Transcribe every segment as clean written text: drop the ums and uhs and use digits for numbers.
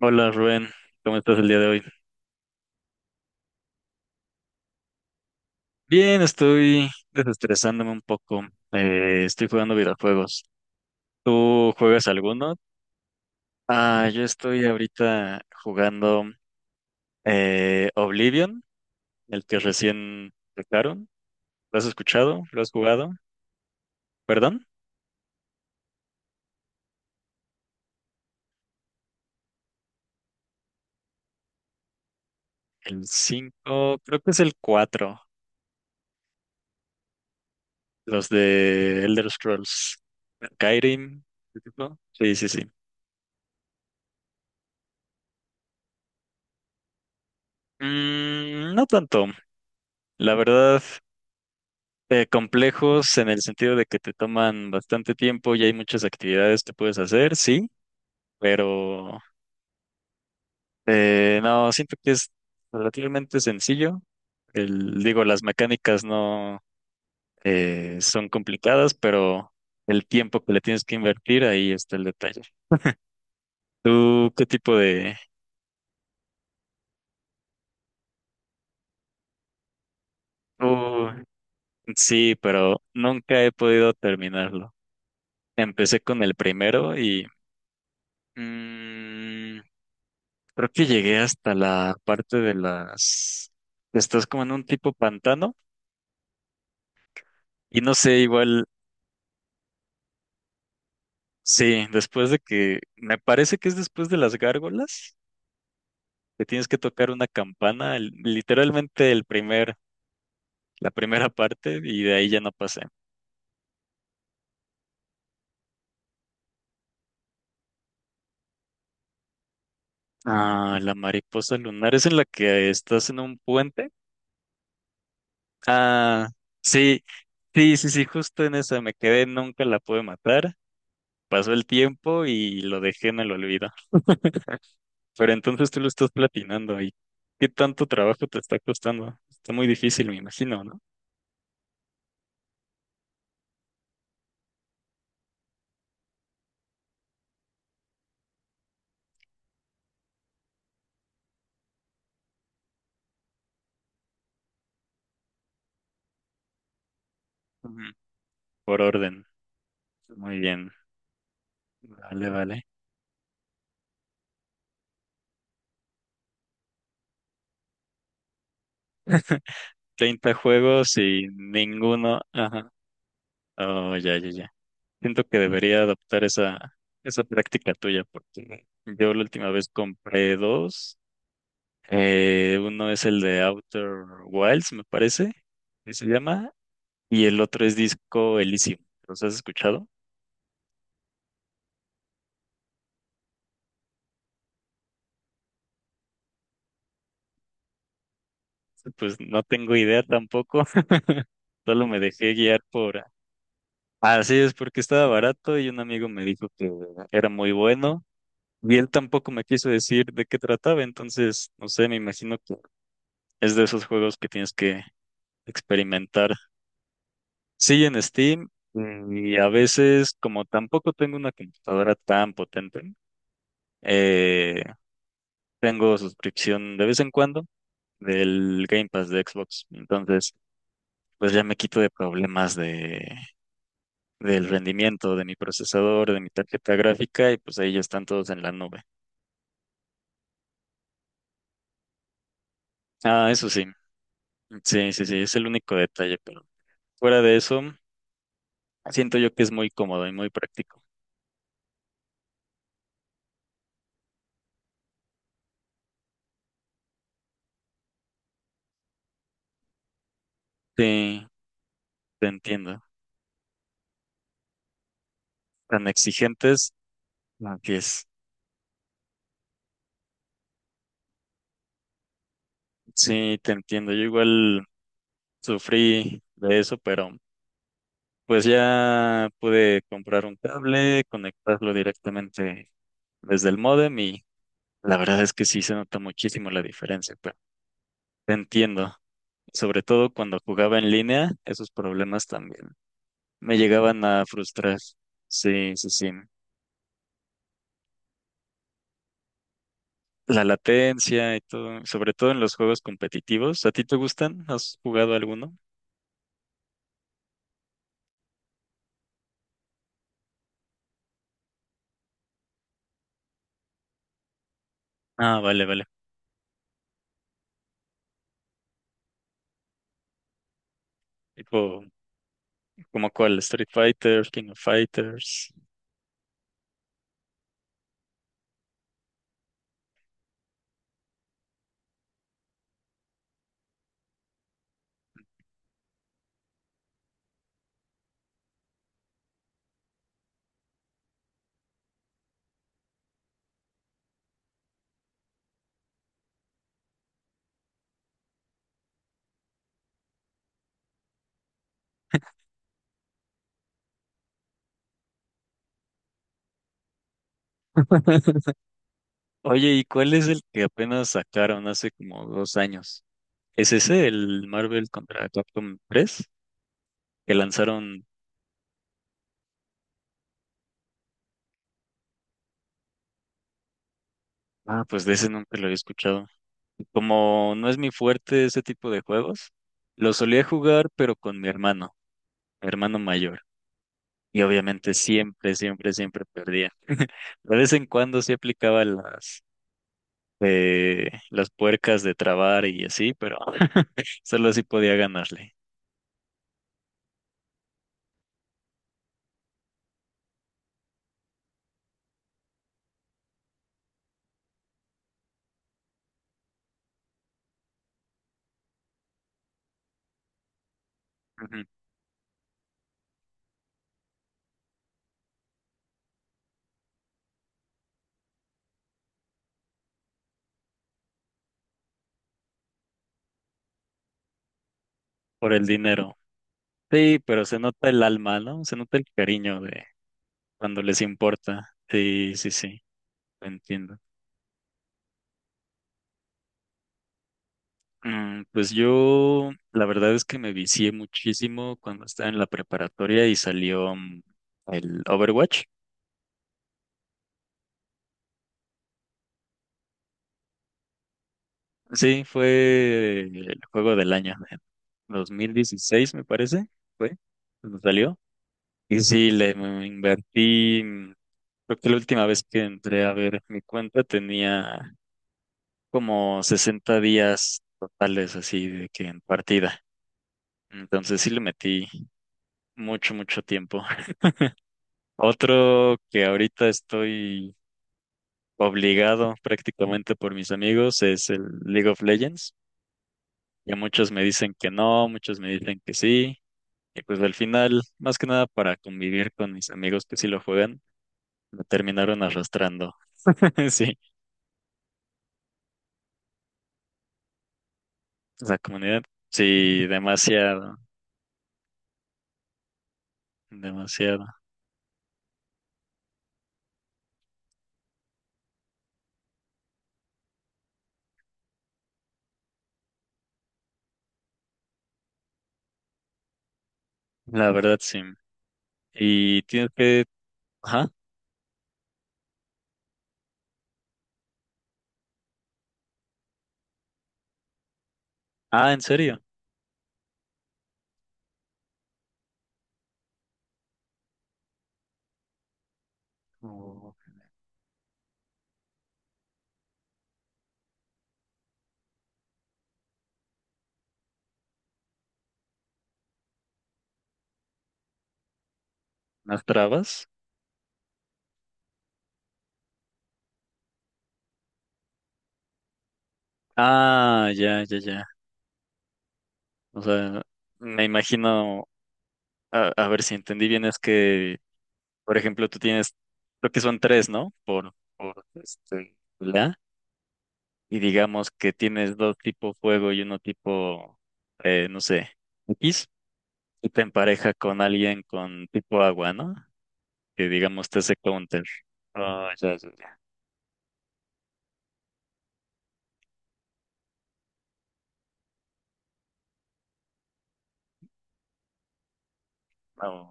Hola Rubén, ¿cómo estás el día de hoy? Bien, estoy desestresándome un poco. Estoy jugando videojuegos. ¿Tú juegas alguno? Ah, yo estoy ahorita jugando Oblivion, el que recién sacaron. ¿Lo has escuchado? ¿Lo has jugado? ¿Perdón? El 5, creo que es el 4. Los de Elder Scrolls. Skyrim, ¿ese tipo? Sí, sí, sí. Mm, no tanto. La verdad, complejos en el sentido de que te toman bastante tiempo y hay muchas actividades que puedes hacer, sí, pero no, siento que es relativamente sencillo. El, digo, las mecánicas no son complicadas, pero el tiempo que le tienes que invertir, ahí está el detalle. ¿Tú qué tipo de...? Uh, sí, pero nunca he podido terminarlo. Empecé con el primero y... mm, creo que llegué hasta la parte de las... Estás como en un tipo pantano y no sé, igual, sí, después de que... Me parece que es después de las gárgolas, que tienes que tocar una campana, literalmente la primera parte y de ahí ya no pasé. Ah, la mariposa lunar es en la que estás en un puente. Ah, sí, sí, sí, sí, justo en esa me quedé, nunca la pude matar. Pasó el tiempo y lo dejé en el olvido. Pero entonces tú lo estás platinando y ¿qué tanto trabajo te está costando? Está muy difícil, me imagino, ¿no? Ujú. Por orden. Muy bien. Vale, vale. 30 juegos y ninguno. Ajá. Oh, ya, ya, ya. Siento que debería adoptar esa, esa práctica tuya porque yo la última vez compré dos. Uno es el de Outer Wilds, me parece, que se llama, y el otro es Disco Elysium. ¿Los has escuchado? Pues no tengo idea tampoco. Solo me dejé guiar por... Así es, porque estaba barato y un amigo me dijo que era muy bueno y él tampoco me quiso decir de qué trataba, entonces, no sé, me imagino que es de esos juegos que tienes que experimentar. Sí, en Steam, y a veces, como tampoco tengo una computadora tan potente, eh, tengo suscripción de vez en cuando del Game Pass de Xbox, entonces, pues ya me quito de problemas de... del rendimiento de mi procesador, de mi tarjeta gráfica, y pues ahí ya están todos en la nube. Ah, eso sí, sí, sí, sí, es el único detalle, pero fuera de eso, siento yo que es muy cómodo y muy práctico. Sí, te entiendo. Tan exigentes, no, que es. Sí, te entiendo. Yo igual sufrí de eso, pero pues ya pude comprar un cable, conectarlo directamente desde el módem y la verdad es que sí se nota muchísimo la diferencia, pero te entiendo. Sobre todo cuando jugaba en línea, esos problemas también me llegaban a frustrar. Sí, sí, sí. La latencia y todo, sobre todo en los juegos competitivos. ¿A ti te gustan? ¿Has jugado alguno? Ah, vale, vale. Tipo, ¿como cuál? Street Fighter, King of Fighters. Oye, ¿y cuál es el que apenas sacaron hace como dos años? ¿Es ese, el Marvel contra Capcom 3 que lanzaron? Ah, pues de ese nunca lo había escuchado. Como no es mi fuerte ese tipo de juegos, lo solía jugar, pero con mi hermano mayor. Y obviamente siempre, siempre, siempre perdía. De vez en cuando sí aplicaba las puercas de trabar y así, pero solo así podía ganarle. Ujú. Por el dinero. Sí, pero se nota el alma, ¿no? Se nota el cariño de cuando les importa. Sí, sí, sí, lo entiendo. Mm, pues yo, la verdad es que me vicié muchísimo cuando estaba en la preparatoria y salió, el Overwatch. Sí, fue el juego del año, en 2016 me parece, fue cuando salió. Y sí, le me invertí, creo que la última vez que entré a ver mi cuenta tenía como 60 días totales así de que en partida. Entonces sí le metí mucho tiempo. Otro que ahorita estoy obligado prácticamente por mis amigos es el League of Legends. Ya muchos me dicen que no, muchos me dicen que sí. Y pues al final, más que nada para convivir con mis amigos que sí lo juegan, me terminaron arrastrando. Sí, la comunidad. Sí, demasiado, demasiado. La verdad, sí. Y tienes que... Ajá. Ah, ¿en serio? Oh, ¿unas trabas? Ah, ya, ya, ya. O sea, me imagino, a ver si entendí bien, es que por ejemplo, tú tienes, creo que son tres, ¿no? Por este, la. Y digamos que tienes dos tipo fuego y uno tipo, no sé, X. Y te empareja con alguien con tipo agua, ¿no? Que digamos te hace counter. Oh, ya, ya, ya. No.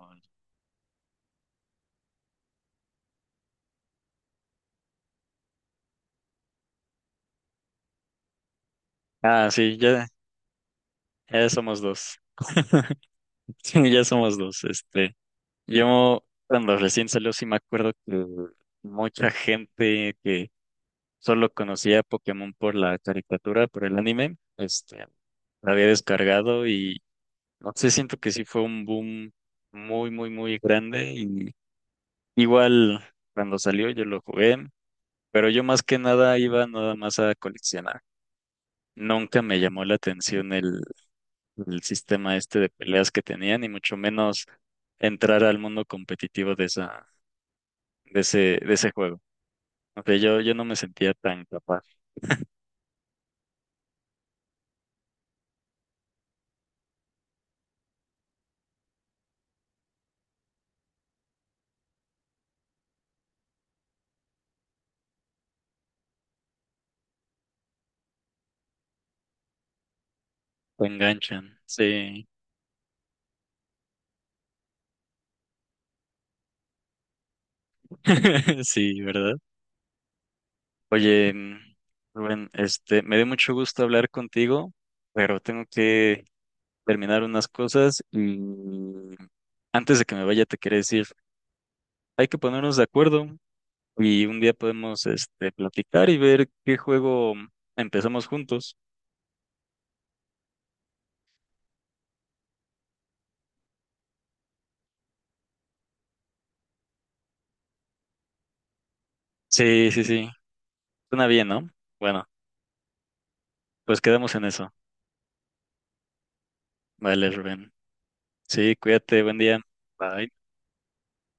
Ah, sí, ya, ya somos dos. Sí, ya somos dos. Este, yo cuando recién salió sí me acuerdo que mucha gente que solo conocía Pokémon por la caricatura, por el anime. Este, la había descargado y no sé, siento que sí fue un boom muy, muy, muy grande. Y igual cuando salió yo lo jugué, pero yo más que nada iba nada más a coleccionar. Nunca me llamó la atención el sistema este de peleas que tenían, y mucho menos entrar al mundo competitivo de de ese juego. O sea, yo no me sentía tan capaz, tan enganchan, sí. Sí, ¿verdad? Oye, Rubén, este, me dio mucho gusto hablar contigo, pero tengo que terminar unas cosas y antes de que me vaya te quería decir, hay que ponernos de acuerdo y un día podemos, este, platicar y ver qué juego empezamos juntos. Sí, sí, sí, suena bien, ¿no? Bueno, pues quedamos en eso. Vale, Rubén. Sí, cuídate, buen día. Bye.